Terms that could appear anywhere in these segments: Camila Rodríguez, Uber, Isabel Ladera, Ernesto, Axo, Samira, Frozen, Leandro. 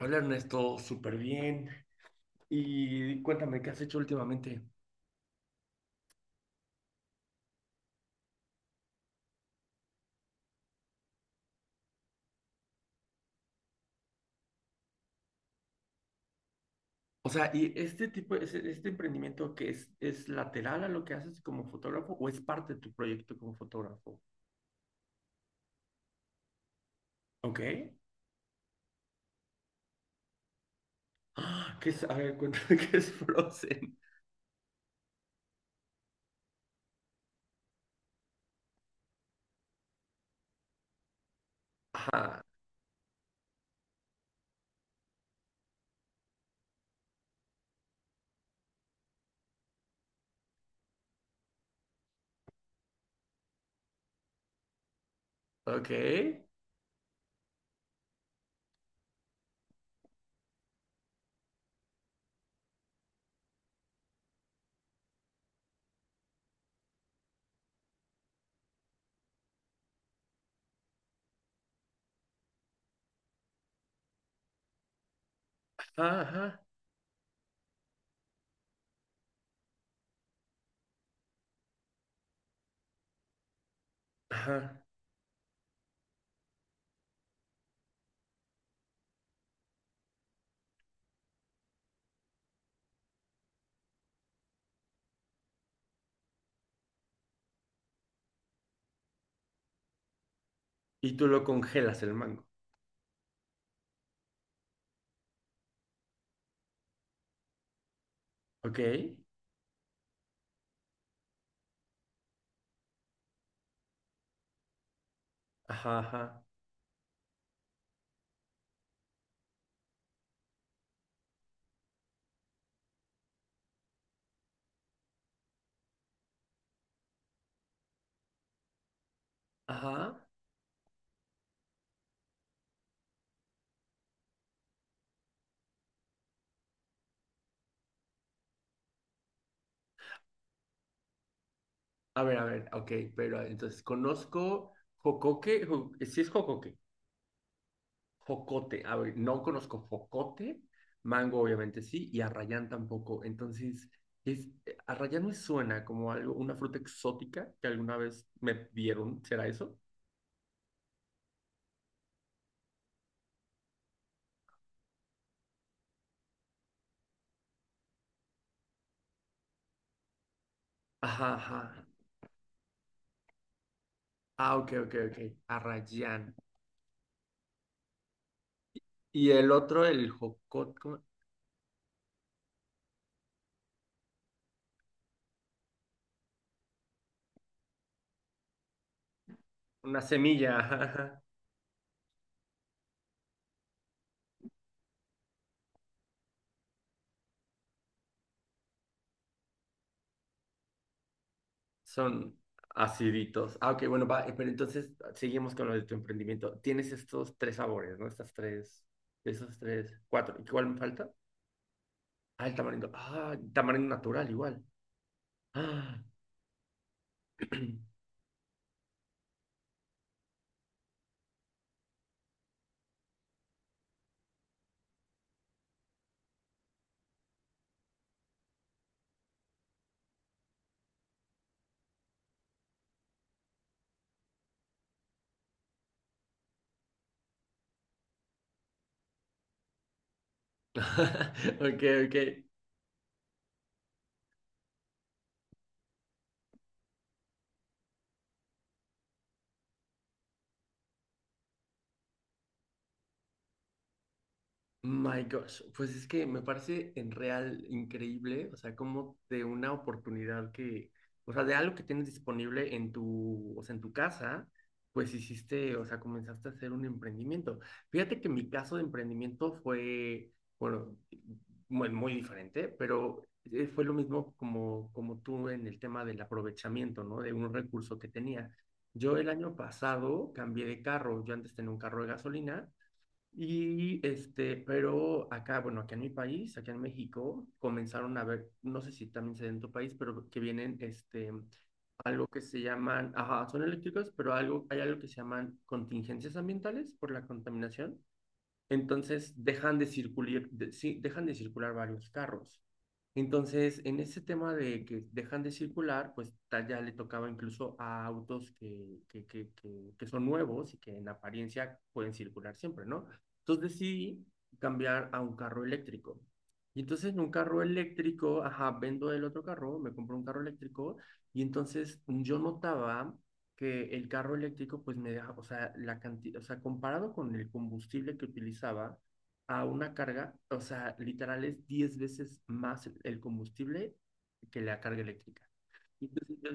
Hola Ernesto, súper bien. Y cuéntame, ¿qué has hecho últimamente? O sea, ¿y este tipo, este emprendimiento que es lateral a lo que haces como fotógrafo o es parte de tu proyecto como fotógrafo? Ok. Ah, ¿qué es? A ver, cuéntame qué es Frozen. Ajá, ok. Ajá, ajá, ajá. Y tú lo congelas el mango. Ok. Ajá, ajá, ajá. A ver, ok, pero entonces conozco jocoque, si es jocoque. Jocote, a ver, no conozco jocote, mango obviamente sí, y arrayán tampoco. Entonces, es, arrayán me suena como algo, una fruta exótica que alguna vez me dieron, ¿será eso? Ajá, ajá. Ah, ok, ok, ok. Arrayán. Y el otro, el jocote, ¿cómo? Una semilla, ajá, ajá. Son aciditos. Ah, ok, bueno, va, pero entonces seguimos con lo de tu emprendimiento. Tienes estos tres sabores, ¿no? Esos tres, cuatro. ¿Y cuál me falta? Ah, el tamarindo. Ah, tamarindo natural igual. Ah. Ok, ok. My gosh, pues es que me parece en real increíble, o sea, como de una oportunidad que, o sea, de algo que tienes disponible en tu, o sea, en tu casa, pues hiciste, o sea, comenzaste a hacer un emprendimiento. Fíjate que mi caso de emprendimiento fue, bueno, muy, muy diferente, pero fue lo mismo como tú en el tema del aprovechamiento, ¿no? De un recurso que tenía. Yo el año pasado cambié de carro, yo antes tenía un carro de gasolina y pero acá, bueno, aquí en mi país, aquí en México, comenzaron a ver, no sé si también se ve en tu país, pero que vienen, algo que se llaman, ajá, son eléctricos, pero algo, hay algo que se llaman contingencias ambientales por la contaminación. Entonces dejan de circular, sí, dejan de circular varios carros. Entonces, en ese tema de que dejan de circular, pues ya le tocaba incluso a autos que son nuevos y que en apariencia pueden circular siempre, ¿no? Entonces decidí cambiar a un carro eléctrico. Y entonces en un carro eléctrico, ajá, vendo el otro carro, me compro un carro eléctrico y entonces yo notaba que el carro eléctrico pues me deja, o sea, la cantidad, o sea, comparado con el combustible que utilizaba a una carga, o sea, literal es 10 veces más el combustible que la carga eléctrica. Entonces,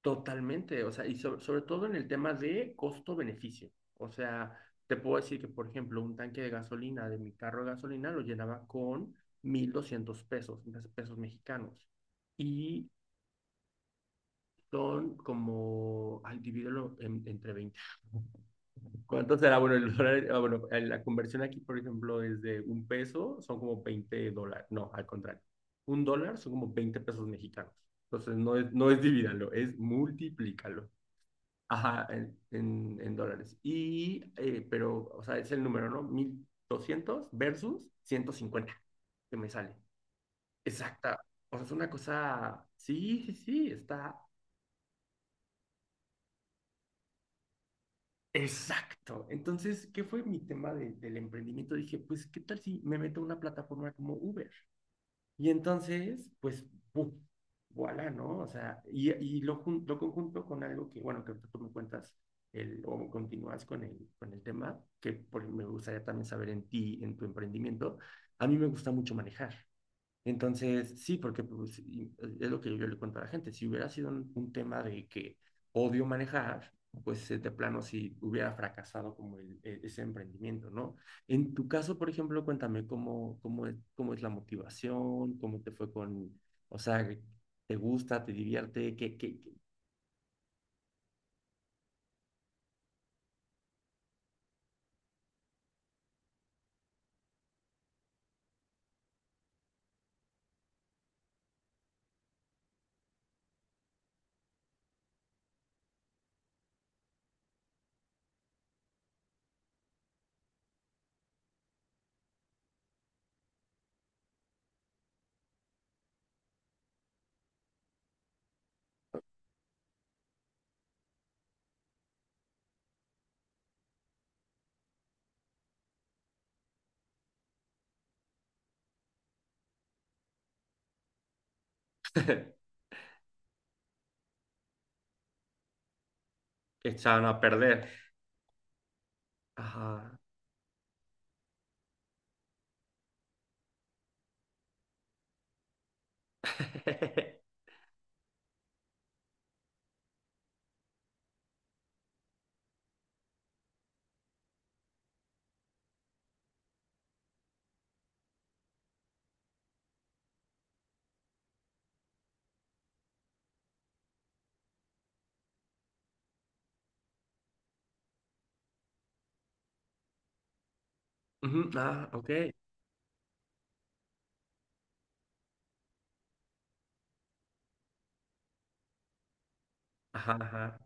totalmente, o sea, y sobre todo en el tema de costo-beneficio. O sea, te puedo decir que, por ejemplo, un tanque de gasolina de mi carro de gasolina lo llenaba con 1.200 pesos, 1.000 pesos mexicanos. Y son como, ay, divídelo entre 20. ¿Cuánto será? Bueno, el dólar, ah, bueno, la conversión aquí, por ejemplo, es de un peso, son como 20 dólares. No, al contrario. Un dólar son como 20 pesos mexicanos. Entonces, no es divídalo, es multiplícalo. Ajá, en dólares. Y, pero, o sea, es el número, ¿no? 1.200 versus 150 que me sale. Exacta. O sea, es una cosa, sí, sí, sí, está. Exacto. Entonces, ¿qué fue mi tema del emprendimiento? Dije, pues, ¿qué tal si me meto a una plataforma como Uber? Y entonces, pues, ¡pum! Voilà, ¿no? O sea, y lo conjunto con algo que, bueno, que ahorita tú me cuentas el, o continúas con el, tema, me gustaría también saber en ti, en tu emprendimiento. A mí me gusta mucho manejar. Entonces, sí, porque pues, es lo que yo le cuento a la gente. Si hubiera sido un tema de que odio manejar, pues de plano sí hubiera fracasado como ese emprendimiento, ¿no? En tu caso, por ejemplo, cuéntame cómo es la motivación, cómo te fue con, o sea, ¿te gusta, te divierte? ¿Qué? ¿Echaron a perder? Ajá. Ujú. Ah, ok. Ajá, ajá.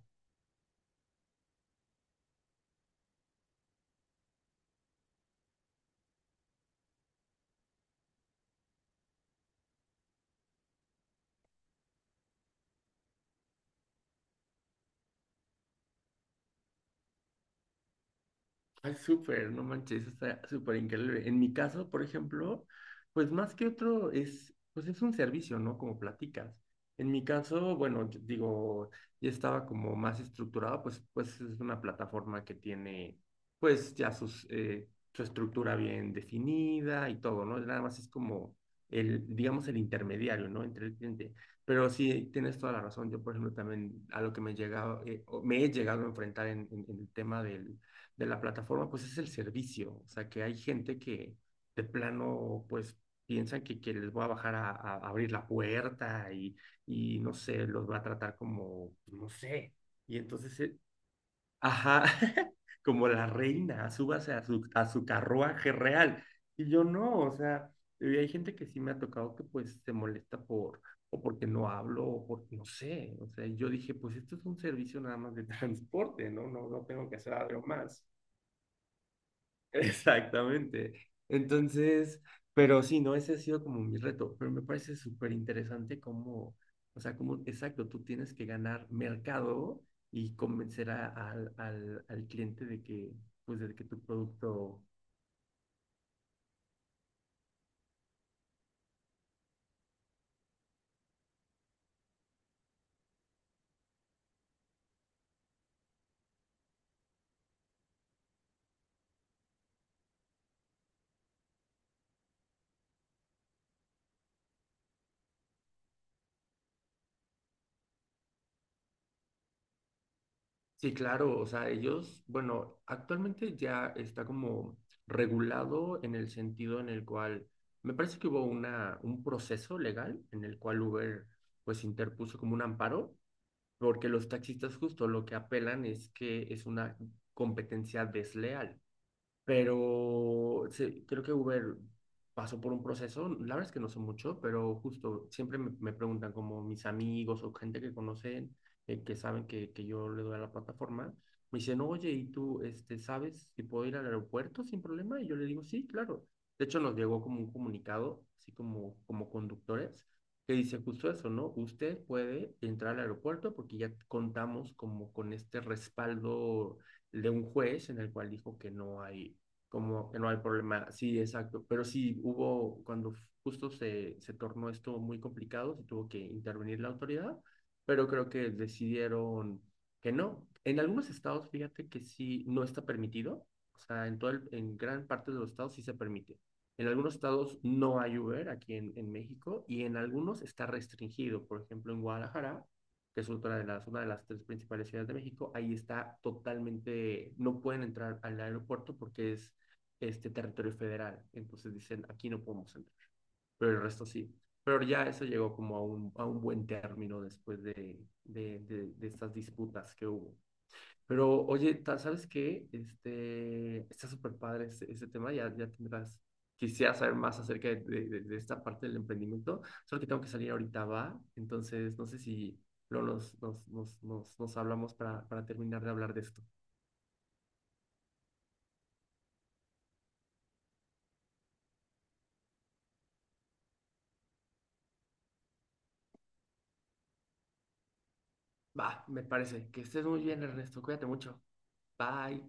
Ay, súper, no manches, está súper increíble. En mi caso, por ejemplo, pues más que otro es, pues es un servicio, ¿no? Como platicas. En mi caso, bueno, yo digo, ya estaba como más estructurado, pues es una plataforma que tiene, pues ya sus, su estructura bien definida y todo, ¿no? Nada más es como el, digamos, el intermediario, ¿no? Entre el cliente. Pero sí, tienes toda la razón. Yo, por ejemplo, también a lo que me llegaba, o me he llegado a enfrentar en en el tema del de la plataforma, pues es el servicio. O sea, que hay gente que de plano, pues piensan que les voy a bajar a abrir la puerta y, no sé, los va a tratar como, pues, no sé. Y entonces, ajá, como la reina, súbase a su carruaje real. Y yo no, o sea, y hay gente que sí me ha tocado que pues se molesta por, o porque no hablo, o porque no sé. O sea, yo dije, pues esto es un servicio nada más de transporte, ¿no? No, no tengo que hacer algo más. Exactamente. Entonces, pero sí, no, ese ha sido como mi reto, pero me parece súper interesante cómo, o sea, cómo, exacto, tú tienes que ganar mercado y convencer al, al cliente de que, pues, de que tu producto, sí, claro, o sea, ellos, bueno, actualmente ya está como regulado en el sentido en el cual, me parece que hubo una, un proceso legal en el cual Uber, pues, interpuso como un amparo porque los taxistas justo lo que apelan es que es una competencia desleal, pero sí, creo que Uber pasó por un proceso, la verdad es que no sé mucho, pero justo siempre me preguntan como mis amigos o gente que conocen, que saben que yo le doy a la plataforma, me dicen, oye, ¿y tú sabes si puedo ir al aeropuerto sin problema? Y yo le digo, sí, claro. De hecho, nos llegó como un comunicado, así como conductores, que dice justo eso, ¿no? Usted puede entrar al aeropuerto porque ya contamos como con este respaldo de un juez en el cual dijo que no hay como que no hay problema. Sí, exacto. Pero sí hubo, cuando justo se tornó esto muy complicado, se tuvo que intervenir la autoridad, pero creo que decidieron que no. En algunos estados, fíjate que sí, no está permitido. O sea, en todo en gran parte de los estados sí se permite. En algunos estados no hay Uber aquí en México y en algunos está restringido. Por ejemplo, en Guadalajara, que es otra de las, una de las tres principales ciudades de México, ahí está totalmente, no pueden entrar al aeropuerto porque es este territorio federal. Entonces dicen, aquí no podemos entrar, pero el resto sí. Pero ya eso llegó como a un, buen término después de estas disputas que hubo. Pero oye, ¿sabes qué? Está súper padre este tema, ya, ya tendrás, quisiera saber más acerca de esta parte del emprendimiento, solo que tengo que salir ahorita, va, entonces no sé si luego nos hablamos para terminar de hablar de esto. Va, me parece. Que estés muy bien, Ernesto. Cuídate mucho. Bye.